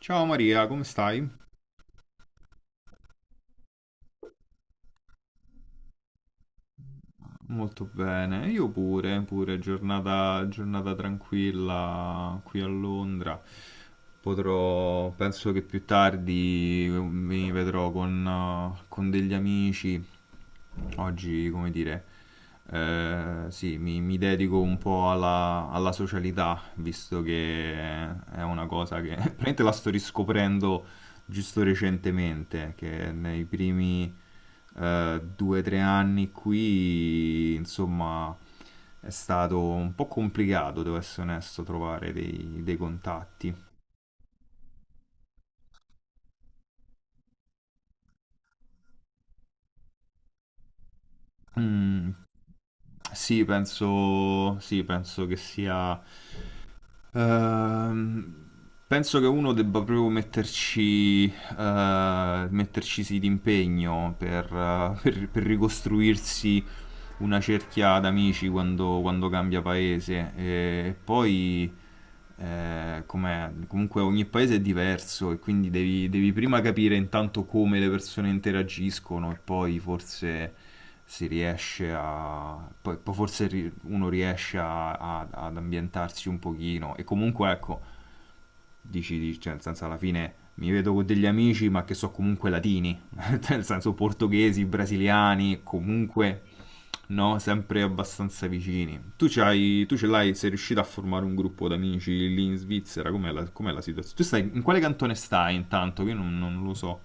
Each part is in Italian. Ciao Maria, come stai? Molto bene, io pure, giornata tranquilla qui a Londra. Penso che più tardi mi vedrò con degli amici. Oggi, come dire, sì, mi dedico un po' alla socialità, visto che è una cosa che praticamente la sto riscoprendo giusto recentemente, che nei primi due o tre anni qui, insomma, è stato un po' complicato, devo essere onesto, trovare dei contatti. Mm, sì, penso che sia... Ehm, Penso che uno debba proprio metterci sì d'impegno per ricostruirsi una cerchia d'amici quando cambia paese. E poi comunque ogni paese è diverso e quindi devi prima capire intanto come le persone interagiscono e poi forse si riesce a... poi forse uno riesce ad ambientarsi un pochino e comunque ecco. Cioè, nel senso, alla fine mi vedo con degli amici, ma che so comunque latini, nel senso portoghesi, brasiliani, comunque, no, sempre abbastanza vicini. Tu ce l'hai, sei riuscito a formare un gruppo d'amici lì in Svizzera? Com'è la situazione? Tu stai, in quale cantone stai intanto? Che io non lo so.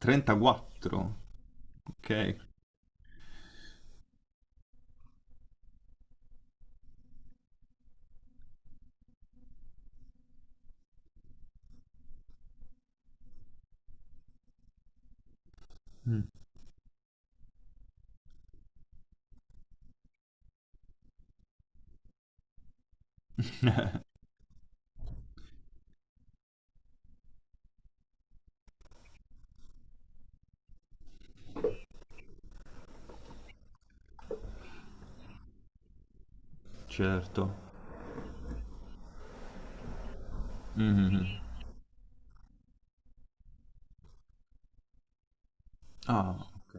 34? Ok. Mm, certo. Mhm. Ah, ok.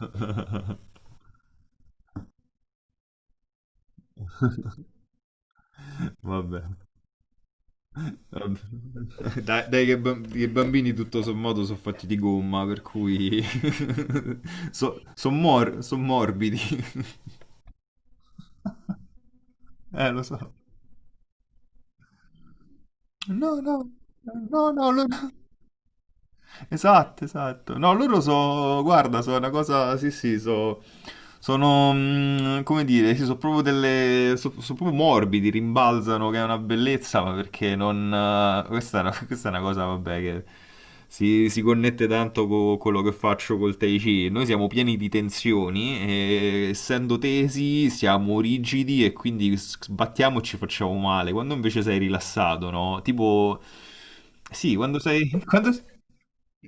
Vabbè. Vabbè. Dai, dai che che i bambini tutto sommato sono fatti di gomma, per cui sono morbidi. Lo so. No, no, no, no, no. Esatto, esatto. No, loro guarda, sono una cosa, sì, sì, sono, come dire, sì, sono proprio delle, sono proprio morbidi, rimbalzano, che è una bellezza, ma perché non, questa è una, questa è una cosa, vabbè, che si connette tanto con quello che faccio col Tai Chi. Noi siamo pieni di tensioni e essendo tesi siamo rigidi e quindi sbattiamo e ci facciamo male, quando invece sei rilassato, no? Tipo, sì, quando sei, quando...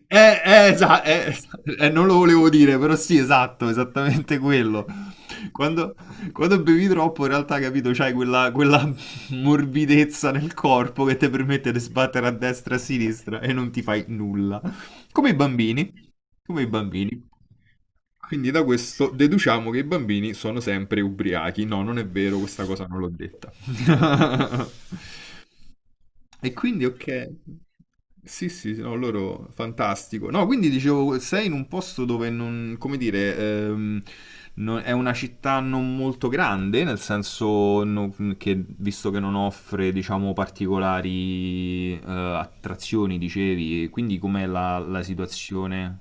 Eh, eh, esa- eh, eh, non lo volevo dire, però sì, esatto, esattamente quello. Quando, Quando bevi troppo, in realtà, capito, c'hai quella morbidezza nel corpo che ti permette di sbattere a destra e a sinistra e non ti fai nulla. Come i bambini, come i bambini. Quindi da questo deduciamo che i bambini sono sempre ubriachi. No, non è vero, questa cosa non l'ho detta. E quindi, ok. Sì, sì, sì, no, loro fantastico. No, quindi dicevo, sei in un posto dove non, come dire, è una città non molto grande, nel senso che, visto che non offre, diciamo, particolari attrazioni, dicevi, e quindi com'è la situazione?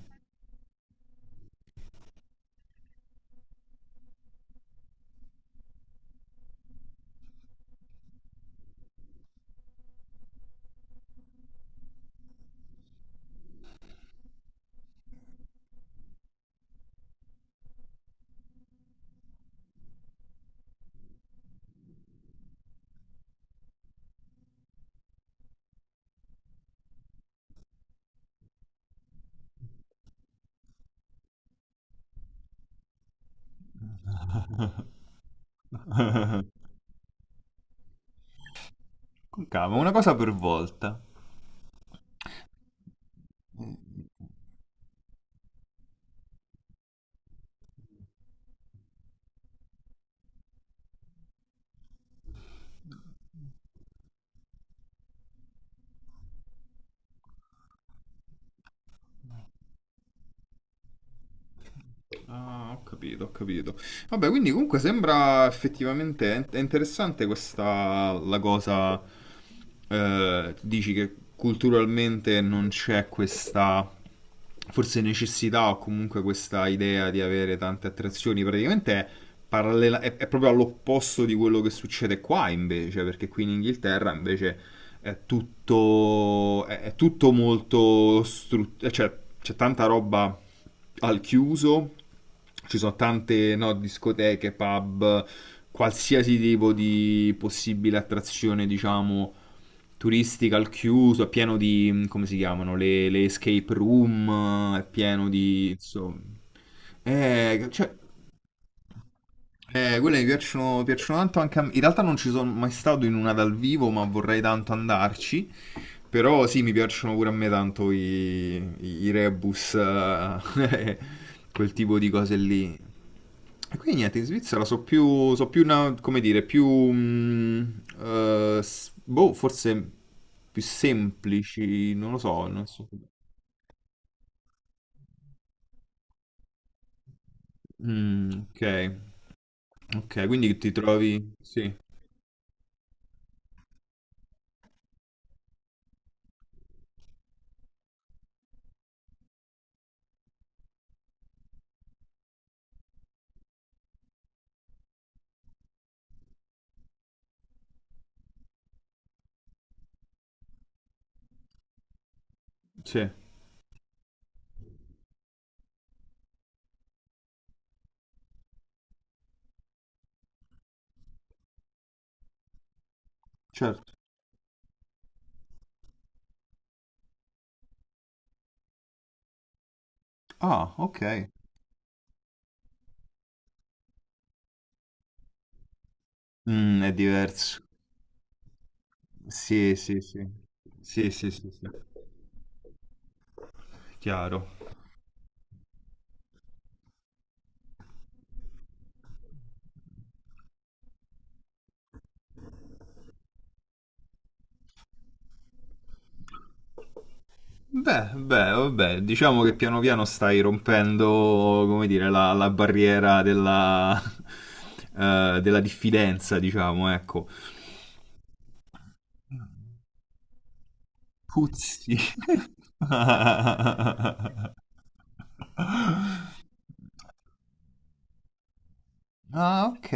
Con calma, una cosa per volta. Ah, ho capito, ho capito. Vabbè, quindi comunque sembra effettivamente è interessante questa la cosa. Dici che culturalmente non c'è questa forse necessità o comunque questa idea di avere tante attrazioni. Praticamente è, è proprio all'opposto di quello che succede qua invece, perché qui in Inghilterra invece è tutto, è tutto molto, cioè c'è tanta roba al chiuso, ci sono tante no, discoteche, pub, qualsiasi tipo di possibile attrazione, diciamo, turistica al chiuso, è pieno di, come si chiamano, le escape room, è pieno di, insomma, cioè, quelle mi piacciono, piacciono tanto anche a me. In realtà non ci sono mai stato in una dal vivo, ma vorrei tanto andarci. Però sì, mi piacciono pure a me tanto i rebus, quel tipo di cose lì. E quindi niente, in Svizzera so più come dire, più, mm, boh, forse più semplici, non lo so, non so. Mm, ok, ok, quindi ti trovi, sì, sì, certo. Ah, ok. Mm, è diverso. Sì, sì, sì. Sì, sì, sì, sì. Chiaro. Beh, beh, vabbè, diciamo che piano piano stai rompendo, come dire, la barriera della diffidenza, diciamo, ecco. Puzzi. Ah, ok.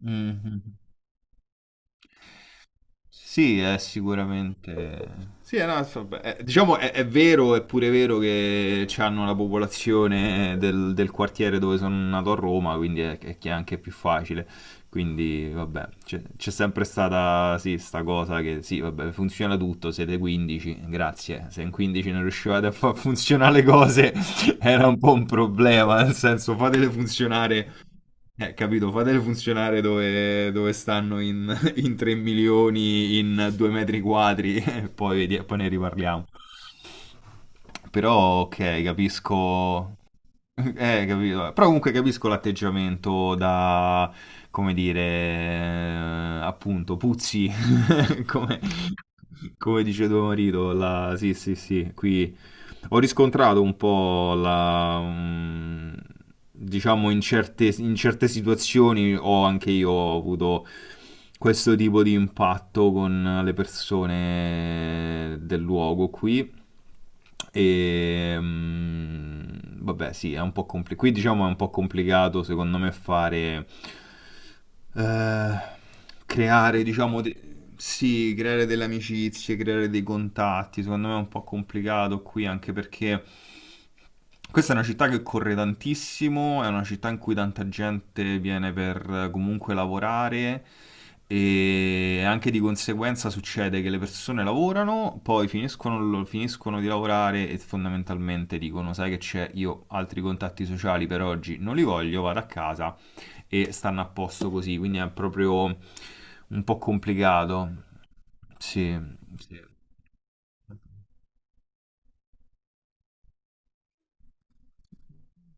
Mhm. Sì, è sicuramente... Sì, no, vabbè, diciamo è vero, è pure vero che hanno la popolazione del quartiere dove sono nato a Roma, quindi è che è anche più facile. Quindi, vabbè, c'è sempre stata, sì, sta cosa che, sì, vabbè, funziona tutto, siete 15, grazie. Se in 15 non riuscivate a far funzionare le cose, era un po' un problema, nel senso, fatele funzionare, capito, fatele funzionare dove, stanno in, in 3 milioni in 2 metri quadri, poi, poi ne riparliamo. Però ok, capisco. Capito. Però comunque capisco l'atteggiamento da, come dire, appunto, puzzi, come, come dice tuo marito, la, sì, sì, sì, qui ho riscontrato un po' la, diciamo in certe situazioni ho anche io ho avuto questo tipo di impatto con le persone del luogo qui. E vabbè, sì, è un po' complicato. Qui diciamo è un po' complicato secondo me fare eh, creare, diciamo, sì, creare delle amicizie, creare dei contatti, secondo me è un po' complicato qui anche perché questa è una città che corre tantissimo, è una città in cui tanta gente viene per comunque lavorare e anche di conseguenza succede che le persone lavorano, poi finiscono di lavorare e fondamentalmente dicono, sai che c'è, io altri contatti sociali per oggi non li voglio, vado a casa e stanno a posto così, quindi è proprio un po' complicato. Sì, sì.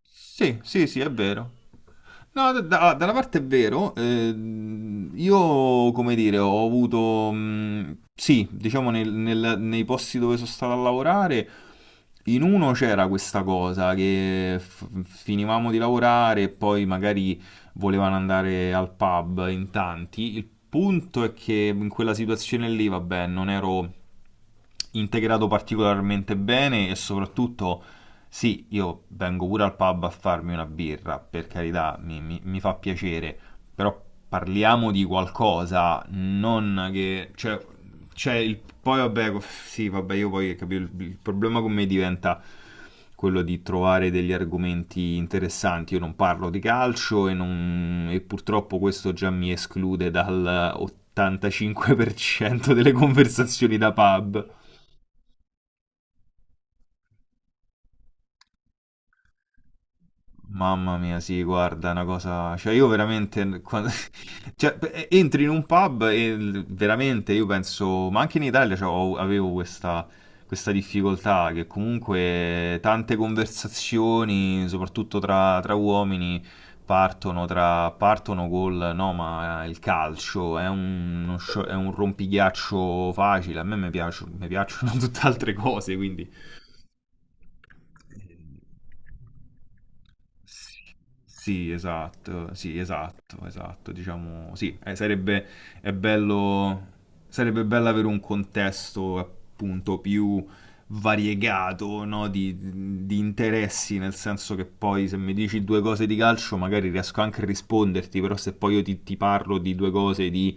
Sì, sì, sì, è vero. No, da una parte è vero, io come dire, ho avuto, sì, diciamo nei posti dove sono stato a lavorare, in uno c'era questa cosa che finivamo di lavorare e poi magari volevano andare al pub in tanti. Il punto è che in quella situazione lì, vabbè, non ero integrato particolarmente bene e soprattutto, sì, io vengo pure al pub a farmi una birra, per carità, mi fa piacere, però parliamo di qualcosa, non che... Cioè, c'è il, poi vabbè, sì, vabbè, io poi capito, il problema con me diventa quello di trovare degli argomenti interessanti. Io non parlo di calcio e, e purtroppo questo già mi esclude dal 85% delle conversazioni da pub. Mamma mia, sì, guarda, è una cosa... Cioè, io veramente... Cioè, entri in un pub e veramente io penso... Ma anche in Italia, cioè, avevo questa difficoltà che comunque tante conversazioni, soprattutto tra uomini, partono, tra, partono col... No, ma il calcio è un, è un rompighiaccio facile. A me mi piacciono tutte altre cose, quindi... Sì, sì, esatto, sì, esatto, esatto, diciamo, sì, sarebbe, è bello, sarebbe bello avere un contesto appunto più variegato, no, di interessi, nel senso che poi se mi dici due cose di calcio magari riesco anche a risponderti, però se poi io ti parlo di due cose di,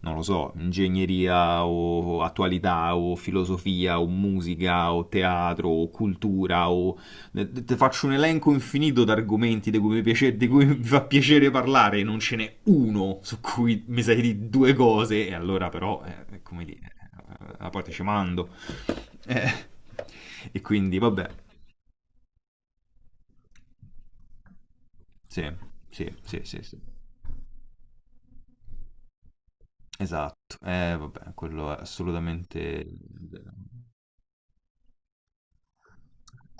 non lo so, ingegneria o attualità o filosofia o musica o teatro o cultura o ti faccio un elenco infinito di argomenti di cui, di cui mi fa piacere parlare, non ce n'è uno su cui mi sai di due cose, e allora però, è come dire, a parte ci mando. Eh, e quindi, vabbè, sì, sì, sì, sì, sì. Esatto, vabbè, quello è assolutamente...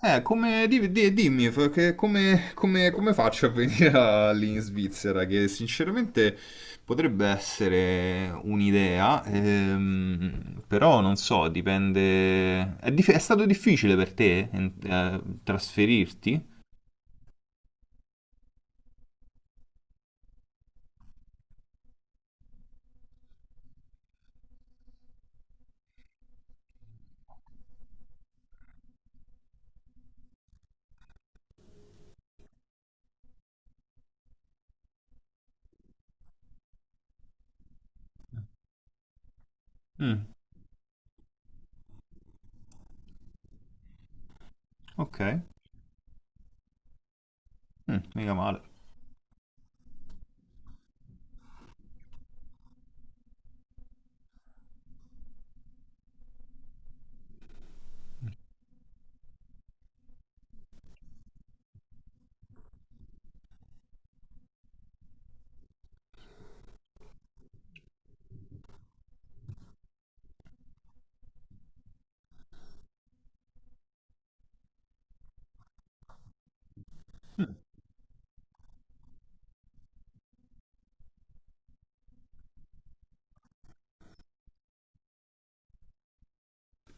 Come, dimmi, perché come, come faccio a venire lì in Svizzera? Che sinceramente potrebbe essere un'idea, però non so, dipende... È stato difficile per te trasferirti? Mm, ok. Mm, mica male.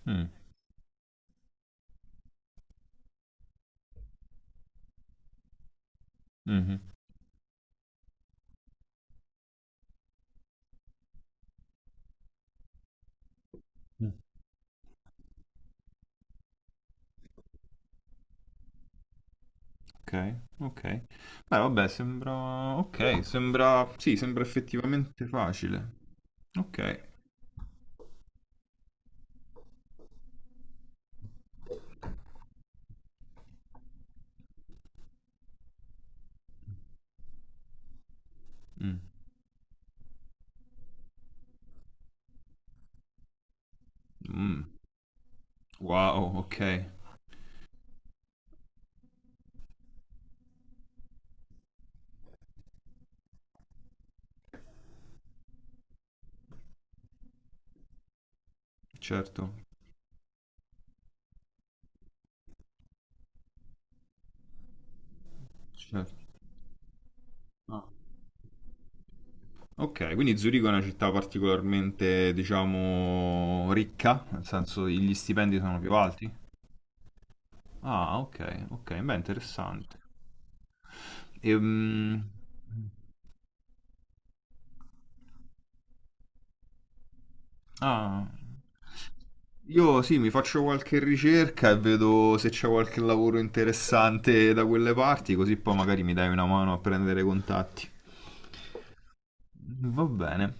Mm, mhm. Mm. Ok, ok. Beh, vabbè, sembra... Ok, sembra... Sì, sembra effettivamente facile. Ok. Mm. Mm. Wow, ok, certo, certo. No. Ok, quindi Zurigo è una città particolarmente, diciamo, ricca, nel senso gli stipendi sono più alti. Ah, ok, ok, beh, interessante. Ehm, ah, io sì, mi faccio qualche ricerca e vedo se c'è qualche lavoro interessante da quelle parti, così poi magari mi dai una mano a prendere contatti. Va bene.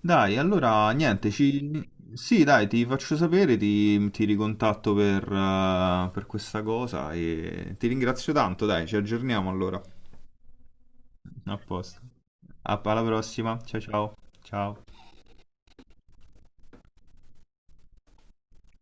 Dai, allora niente, ci... Sì, dai, ti faccio sapere, ti ricontatto per questa cosa e ti ringrazio tanto, dai, ci aggiorniamo allora. A posto. Alla prossima, ciao ciao. Ciao.